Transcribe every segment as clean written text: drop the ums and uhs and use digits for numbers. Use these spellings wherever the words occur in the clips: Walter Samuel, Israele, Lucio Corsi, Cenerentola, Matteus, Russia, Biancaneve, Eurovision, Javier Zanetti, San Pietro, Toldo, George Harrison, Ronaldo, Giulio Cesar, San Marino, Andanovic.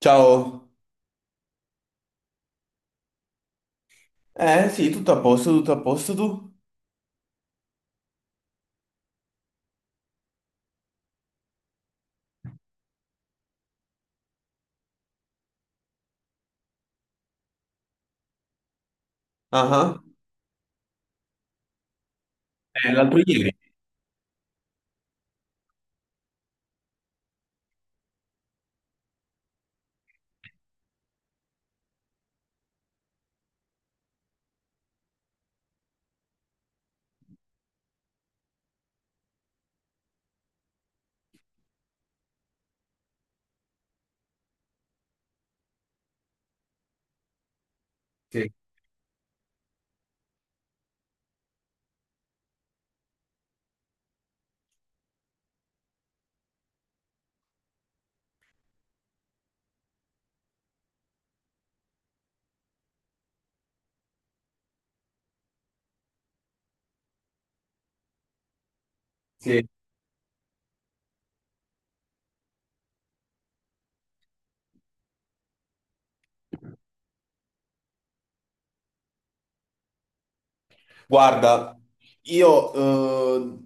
Ciao. Eh sì, tutto a posto tu? Ah, ah. L'altro ieri. Sì, sì. Guarda, io eh,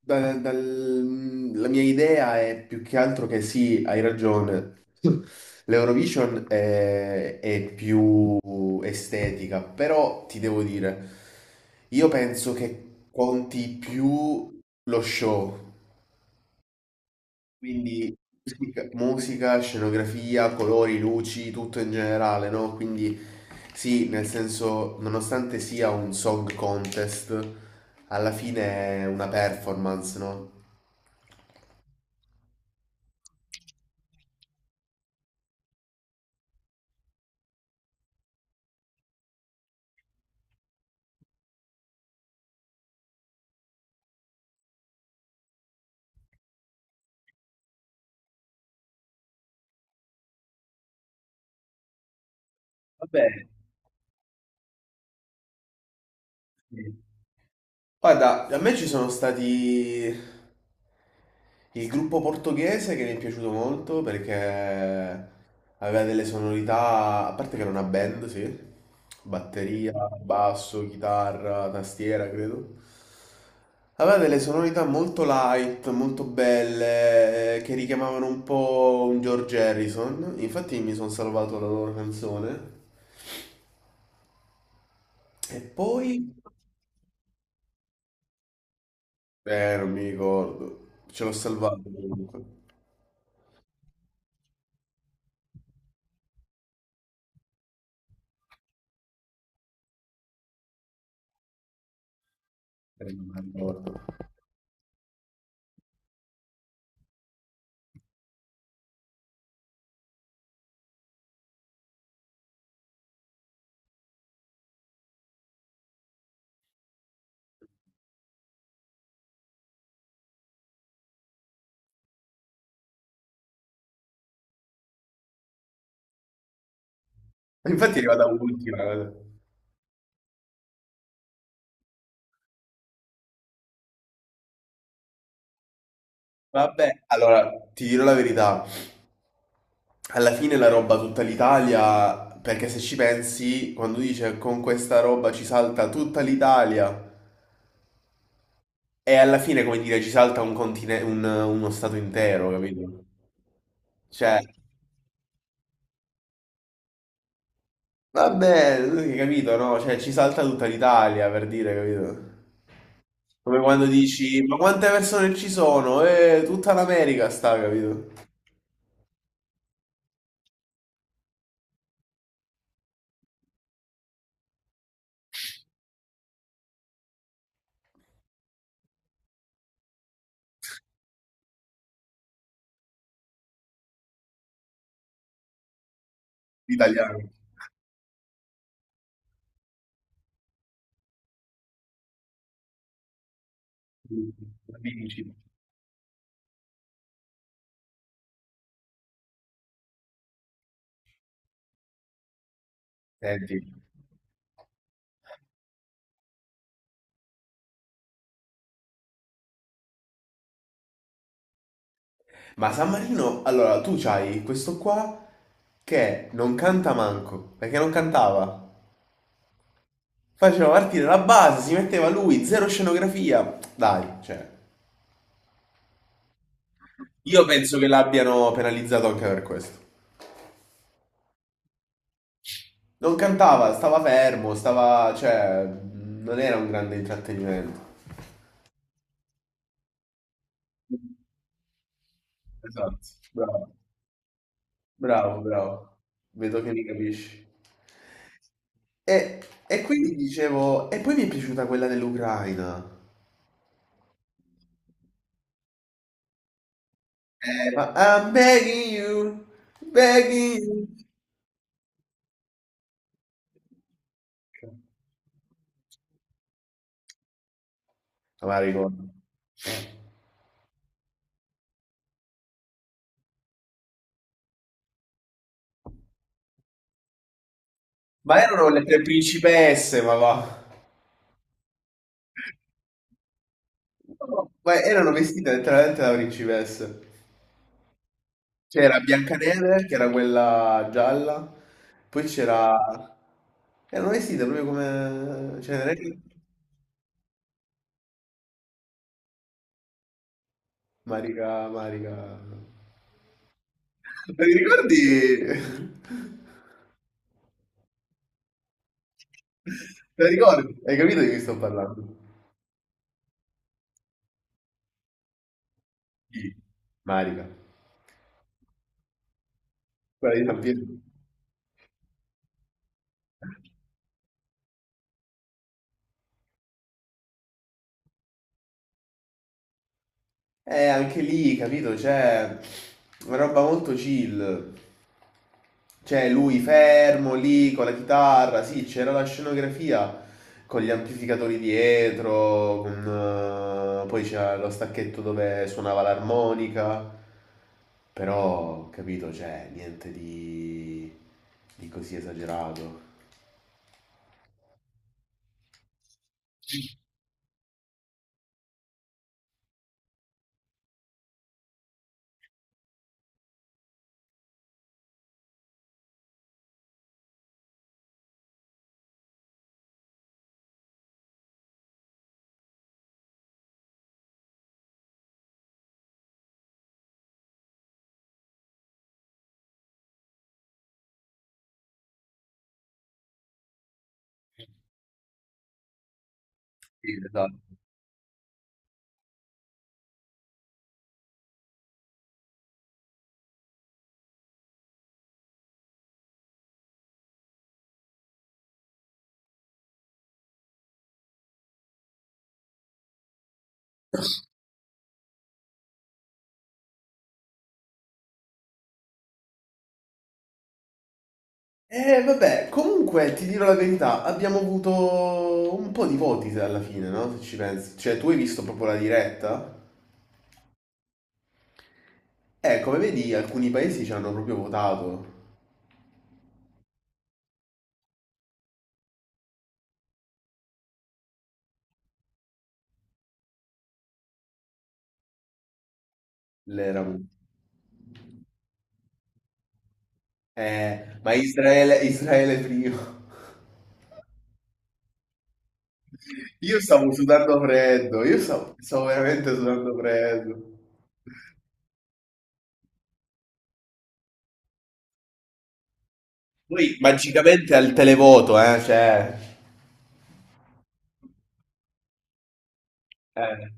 la mia idea è più che altro che sì, hai ragione. L'Eurovision è più estetica, però ti devo dire, io penso che conti più lo show. Quindi musica, musica, scenografia, colori, luci, tutto in generale, no? Quindi sì, nel senso, nonostante sia un song contest, alla fine è una performance, no? Eh, sì. Guarda, a me ci sono stati il gruppo portoghese che mi è piaciuto molto perché aveva delle sonorità, a parte che era una band, sì, batteria, basso, chitarra, tastiera, credo. Aveva delle sonorità molto light, molto belle, che richiamavano un po' un George Harrison. Infatti mi sono salvato la loro canzone. E poi... non mi ricordo. Ce l'ho salvato comunque. Non mi ricordo. Infatti è arrivata ultima, guarda. Vabbè, allora ti dirò la verità. Alla fine la roba tutta l'Italia, perché se ci pensi, quando dice con questa roba ci salta tutta l'Italia, e alla fine, come dire, ci salta un continente, uno stato intero, capito? Cioè, vabbè, tu hai capito, no? Cioè, ci salta tutta l'Italia, per dire, capito? Come quando dici, ma quante persone ci sono? Tutta l'America sta, capito? L'italiano. Vinci. Senti. Ma San Marino, allora tu c'hai questo qua che non canta manco, perché non cantava. Faceva partire la base, si metteva lui, zero scenografia. Dai, cioè, io penso che l'abbiano penalizzato anche per questo. Non cantava, stava fermo, stava, cioè, non era un grande intrattenimento. Esatto, bravo, bravo, bravo. Vedo che mi capisci. E, e quindi dicevo, e poi mi è piaciuta quella dell'Ucraina. I'm begging you, begging you. Ma me la ricordo. Ma erano le principesse, ma va. No, ma erano vestite letteralmente da principesse. C'era Biancaneve, che era quella gialla, poi c'era... Erano vestite proprio come Cenerentola. Marica, Marica... Te li ricordi? Te li ricordi? Hai capito di chi sto parlando? Chi? Marica, quella di San Pietro. Anche lì, capito? Cioè, una roba molto chill. Cioè, lui fermo lì con la chitarra, sì, c'era la scenografia con gli amplificatori dietro, con, poi c'era lo stacchetto dove suonava l'armonica, però, capito? Cioè, niente di, di così esagerato. Vabbè, comunque ti dirò la verità, abbiamo avuto un po' di voti alla fine, no? Se ci pensi. Cioè, tu hai visto proprio la diretta? Come vedi, alcuni paesi ci hanno proprio votato l'Eramo. Ma Israele, Israele prima. Io stavo sudando freddo, io stavo, stavo veramente sudando freddo. Poi magicamente al televoto, cioè... eh.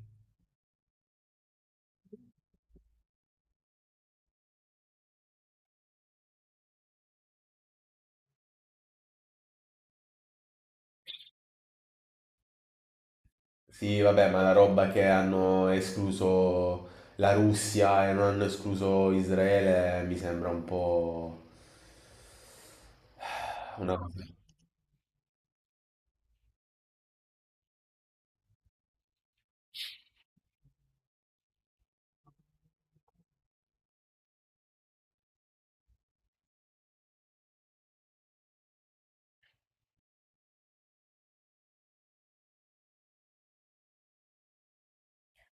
Sì, vabbè, ma la roba che hanno escluso la Russia e non hanno escluso Israele mi sembra un po' una cosa.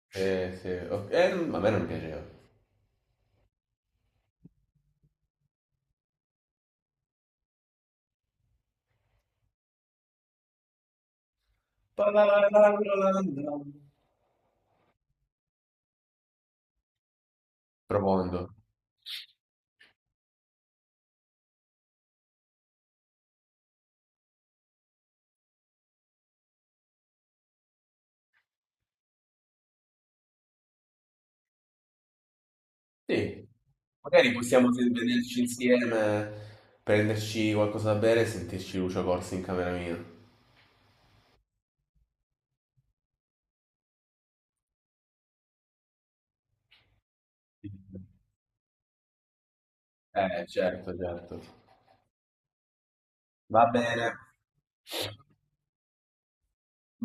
Sì, sì. Ok, a me non piaceva. Profondo. Sì, magari possiamo vederci insieme, prenderci qualcosa da bere e sentirci Lucio Corsi in camera mia. Certo, certo. Va bene.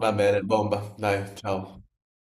Va bene, bomba. Dai, ciao.